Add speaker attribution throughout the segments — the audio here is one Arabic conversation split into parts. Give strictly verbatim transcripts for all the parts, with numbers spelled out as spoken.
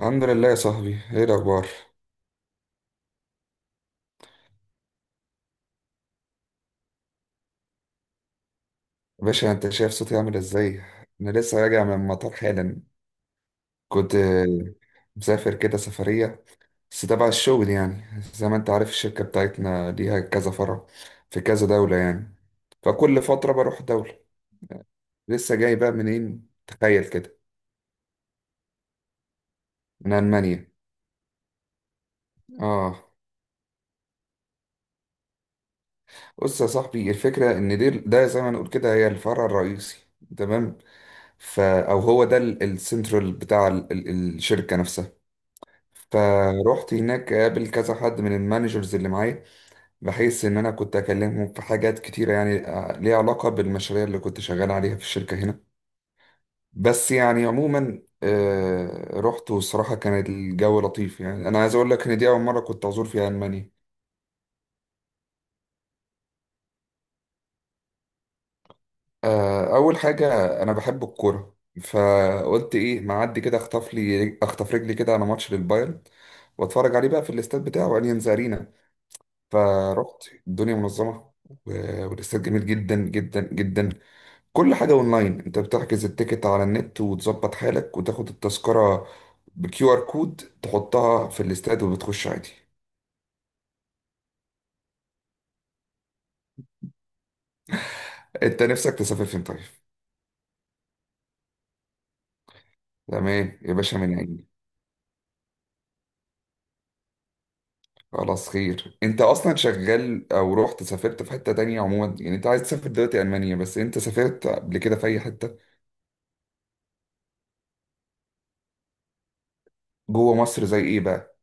Speaker 1: الحمد لله يا صاحبي، ايه الاخبار؟ باشا انت شايف صوتي عامل ازاي؟ انا لسه راجع من المطار حالا. كنت آه، مسافر كده سفرية، بس تبع الشغل يعني. زي ما انت عارف الشركة بتاعتنا ليها كذا فرع في كذا دولة يعني، فكل فترة بروح دولة. لسه جاي بقى منين تخيل كده؟ من ألمانيا. اه. بص يا صاحبي، الفكرة ان دي ده زي ما نقول كده هي الفرع الرئيسي. تمام. فا او هو ده ال- السنترال بتاع ال- ال- الشركة نفسها. فروحت هناك قابل كذا حد من المانجرز اللي معايا، بحيث ان انا كنت اكلمهم في حاجات كتيرة يعني آه، ليها علاقة بالمشاريع اللي كنت شغال عليها في الشركة هنا. بس يعني عموما آه، رحت، والصراحة كان الجو لطيف، يعني انا عايز اقول لك ان دي اول مرة كنت ازور فيها المانيا. آه، اول حاجة، انا بحب الكورة، فقلت ايه معدي كده اخطف لي اخطف رجلي كده على ماتش للبايرن واتفرج عليه بقى في الاستاد بتاعه اليانز ارينا. فرحت الدنيا منظمة، و- والاستاد جميل جدا جدا جدا. كل حاجة اونلاين، انت بتحجز التيكت على النت وتظبط حالك وتاخد التذكرة بكيو ار كود، تحطها في الاستاد وبتخش عادي. انت نفسك تسافر فين طيب؟ تمام يا باشا، من عيني. خلاص خير، انت اصلا شغال او رحت سافرت في حتة تانية؟ عموما يعني انت عايز تسافر دلوقتي المانيا، بس انت سافرت قبل كده في اي حتة؟ جوه مصر زي ايه بقى؟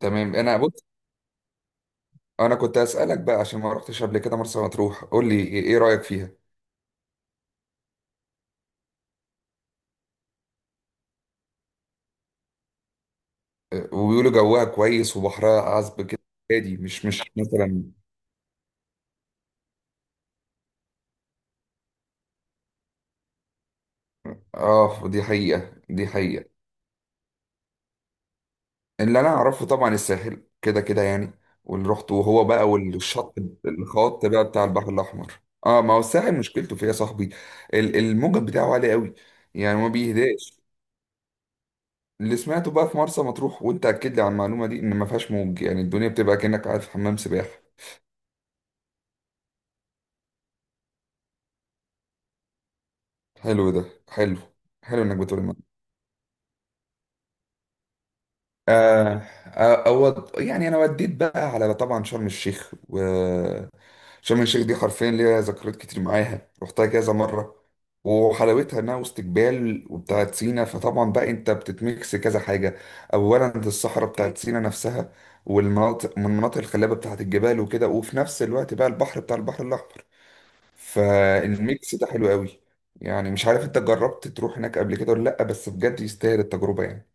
Speaker 1: تمام، انا بص، انا كنت اسالك بقى عشان ما رحتش قبل كده مرسى مطروح، قول لي ايه إيه رايك فيها. أه، وبيقولوا جوها كويس وبحرها عذب كده. هادي مش مش مثلا؟ اه، دي حقيقه دي حقيقه. اللي انا اعرفه طبعا الساحل كده كده يعني، واللي رحته وهو بقى والشط، الخط بقى بتاع البحر الاحمر. اه ما هو الساحل مشكلته فيها يا صاحبي، ال- الموجة بتاعه عالي قوي، يعني ما بيهداش. اللي سمعته بقى في مرسى مطروح، وانت اكد لي على المعلومه دي، ان ما فيهاش موج، يعني الدنيا بتبقى كانك قاعد في حمام سباحه. حلو ده. حلو. حلو انك بتقول الموضوع. آه آه، أود يعني انا وديت بقى على طبعا شرم الشيخ، وشرم الشيخ دي حرفيا ليها ذكريات كتير معاها، رحتها كذا مره. وحلاوتها انها وسط جبال وبتاعت سينا، فطبعا بقى انت بتتميكس كذا حاجه. اولا الصحراء بتاعت سينا نفسها، والمناطق من المناطق الخلابه بتاعت الجبال وكده، وفي نفس الوقت بقى البحر بتاع البحر الاحمر. فالميكس ده حلو قوي. يعني مش عارف انت جربت تروح هناك قبل كده ولا لا، بس بجد يستاهل التجربة يعني.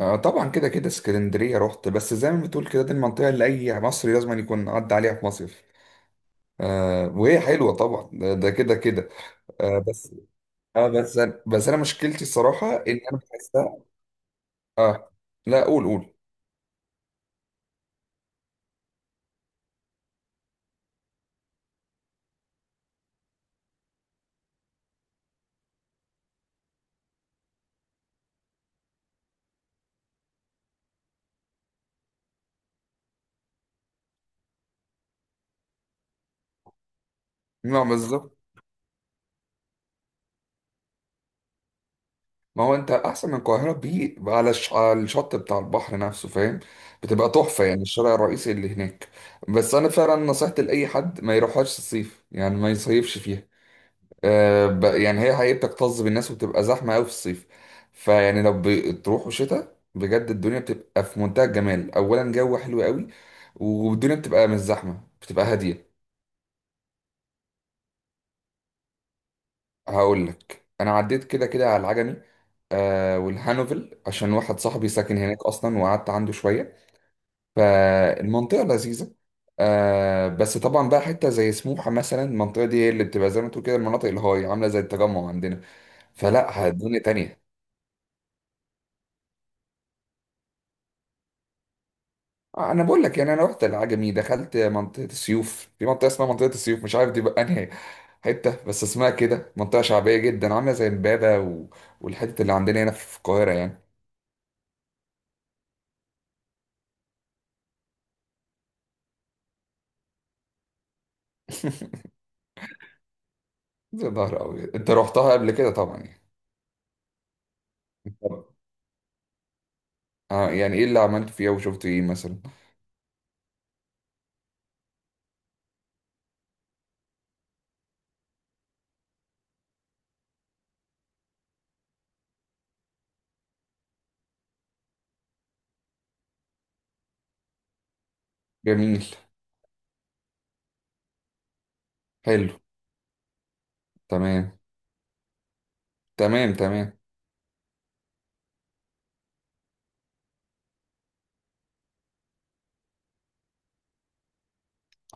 Speaker 1: آه طبعا كده كده اسكندرية رحت، بس زي ما بتقول كده دي المنطقة اللي أي مصري لازم يكون عدى عليها في مصيف. آه وهي حلوة طبعا، ده ده كده كده. آه بس، اه بس، أنا بس أنا مشكلتي الصراحة إن أنا بحسها. اه. لا قول قول. نعم بالظبط. ما هو انت احسن من القاهره بيه على الش- على الشط بتاع البحر نفسه فاهم. بتبقى تحفه يعني الشارع الرئيسي اللي هناك. بس انا فعلا نصيحتي لاي حد ما يروحهاش الصيف، يعني ما يصيفش فيها. آه ب- يعني هي حقيقة بتكتظ بالناس وبتبقى زحمه قوي في الصيف. فيعني لو ب- تروحوا شتاء بجد الدنيا بتبقى في منتهى الجمال، اولا جو حلو قوي، والدنيا بتبقى مش زحمه، بتبقى هاديه. هقول لك انا عديت كده كده على العجمي، آه والهانوفل، عشان واحد صاحبي ساكن هناك اصلا وقعدت عنده شويه. فالمنطقة لذيذة. آه بس طبعا بقى حتة زي سموحة مثلا، المنطقة دي هي اللي بتبقى زي ما تقول كده المناطق الهاي، عاملة زي التجمع عندنا. فلا اه الدنيا تانية. آه، انا بقول لك، يعني انا رحت العجمي، دخلت منطقة السيوف، في منطقة اسمها منطقة السيوف مش عارف دي بقى انهي حتة، بس اسمها كده منطقة شعبية جدا، عاملة زي امبابة و... والحتة اللي عندنا هنا في القاهرة يعني. يا نهار أبيض، أنت رحتها قبل كده طبعا يعني. طب آه يعني إيه اللي عملت فيها وشفت إيه مثلا؟ جميل. حلو. تمام. تمام تمام.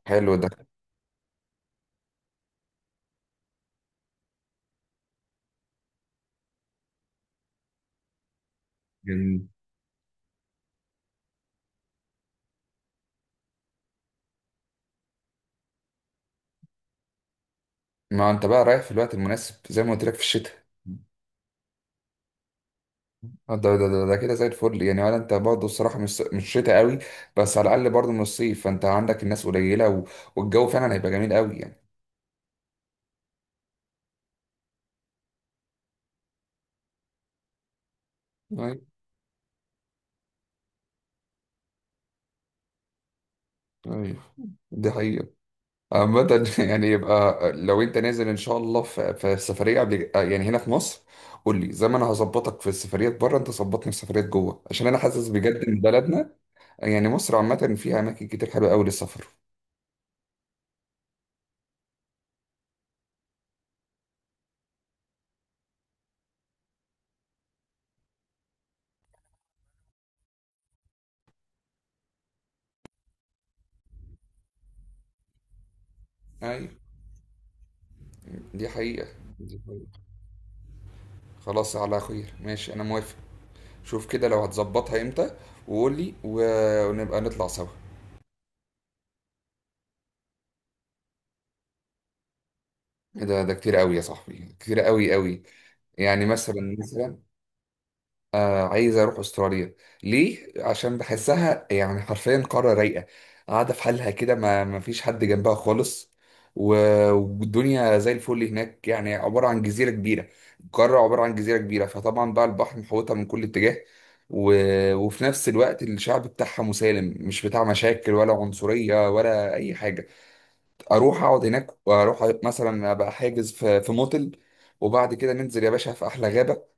Speaker 1: حلو ده. يعني ما انت بقى رايح في الوقت المناسب، زي ما قلت لك، في الشتاء. آه، ده ده ده, ده كده زي الفل يعني، ولا انت برضه الصراحه مش مش شتاء قوي، بس على الاقل برضه من الصيف، فانت عندك الناس قليله و... والجو فعلا هيبقى جميل قوي يعني. ايوه، ايوه، دي حقيقه. عامة. يعني يبقى لو انت نازل ان شاء الله في, في سفريه قبل آه، يعني هنا في مصر، قول لي، زي ما انا هظبطك في السفريات بره انت ظبطني في السفريات جوه، عشان انا حاسس بجد ان بلدنا يعني مصر عامه فيها اماكن كتير حلوه قوي للسفر. أيوة. دي حقيقة. دي حقيقة. خلاص على خير، ماشي، انا موافق. شوف كده لو هتظبطها امتى، وقول لي و- ونبقى نطلع سوا. إيه ده، ده كتير قوي يا صاحبي، كتير قوي قوي. يعني مثلا مثلا، آه عايز اروح استراليا. ليه؟ عشان بحسها يعني حرفيا قاره رايقه قاعده في حالها كده، ما ما فيش حد جنبها خالص، و- والدنيا زي الفل هناك. يعني عباره عن جزيره كبيره، قاره عباره عن جزيره كبيره، فطبعا بقى البحر محوطها من كل اتجاه، و... وفي نفس الوقت الشعب بتاعها مسالم، مش بتاع مشاكل ولا عنصريه ولا اي حاجه. اروح اقعد هناك، واروح مثلا ابقى حاجز في في موتل، وبعد كده ننزل يا باشا في احلى غابه.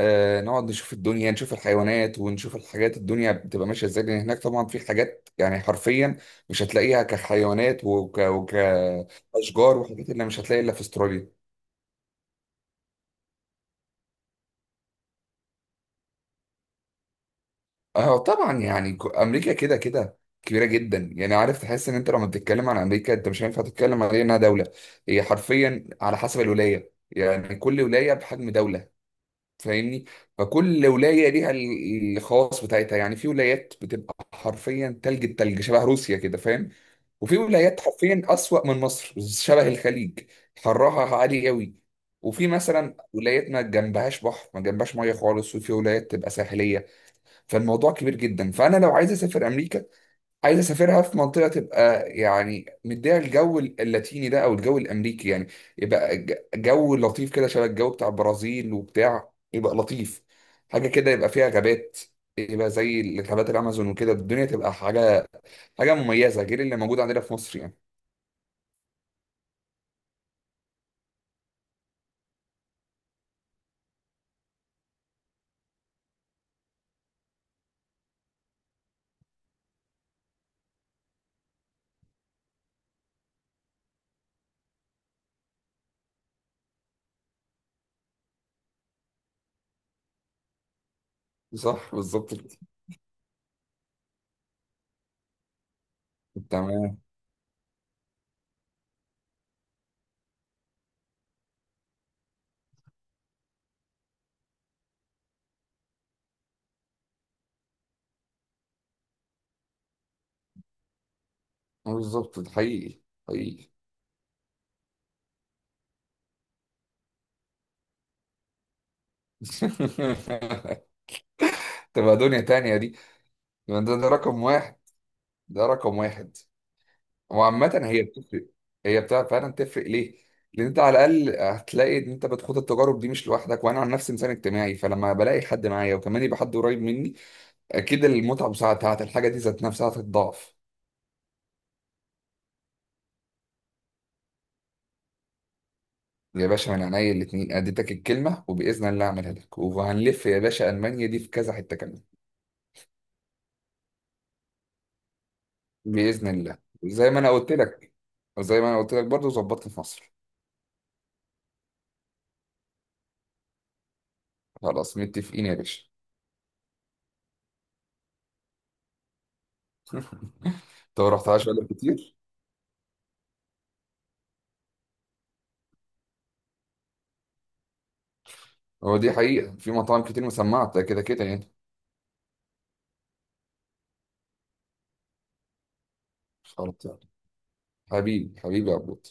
Speaker 1: آه نقعد نشوف الدنيا، نشوف الحيوانات، ونشوف الحاجات، الدنيا بتبقى ماشية ازاي، لان هناك طبعا في حاجات يعني حرفيا مش هتلاقيها كحيوانات وك وكأشجار، وحاجات اللي مش هتلاقي الا في استراليا. اه طبعا، يعني ك- امريكا كده كده كبيرة جدا، يعني عارف تحس ان انت لما بتتكلم عن امريكا انت مش هينفع تتكلم عليها انها دولة. هي حرفيا على حسب الولاية، يعني كل ولاية بحجم دولة، فاهمني؟ فكل ولايه ليها ال- الخواص بتاعتها، يعني في ولايات بتبقى حرفيا تلج، التلج شبه روسيا كده فاهم. وفي ولايات حرفيا اسوأ من مصر، شبه الخليج، حرها عالي قوي. وفي مثلا ولايات ما جنبهاش بحر، ما جنبهاش ميه خالص، وفي ولايات تبقى ساحليه. فالموضوع كبير جدا، فانا لو عايز اسافر امريكا عايز اسافرها في منطقه تبقى يعني مديها الجو اللاتيني ده او الجو الامريكي يعني. يبقى ج- جو لطيف كده، شبه الجو بتاع البرازيل وبتاع، يبقى لطيف. حاجه كده يبقى فيها غابات، يبقى زي غابات الامازون وكده، الدنيا تبقى حاجه حاجه مميزه غير اللي موجود عندنا في مصر يعني. صح بالظبط كده. تمام. بالظبط، ده حقيقي. حقيقي. تبقى دنيا تانية دي. ده, ده رقم واحد، ده رقم واحد. وعامة هي بتفرق، هي بتاع فعلا تفرق ليه؟ لأن أنت على الأقل هتلاقي إن أنت بتخوض التجارب دي مش لوحدك، وأنا عن نفسي إنسان اجتماعي فلما بلاقي حد معايا وكمان يبقى حد قريب مني أكيد المتعة بساعتها الحاجة دي ذات نفسها هتتضاعف. يا باشا من عينيا الاتنين، أديتك الكلمة وبإذن الله أعملها لك، وهنلف يا باشا ألمانيا دي في كذا حتة كمان. بإذن الله، زي ما أنا قلت لك، وزي ما أنا قلت لك برضه ظبطت في مصر. خلاص متفقين يا باشا. أنت ما رحتهاش بقالك كتير. هو دي حقيقة في مطاعم كتير مسمعة ده كده كده يعني. خلاص. حبيبي، حبيبي يا عبود.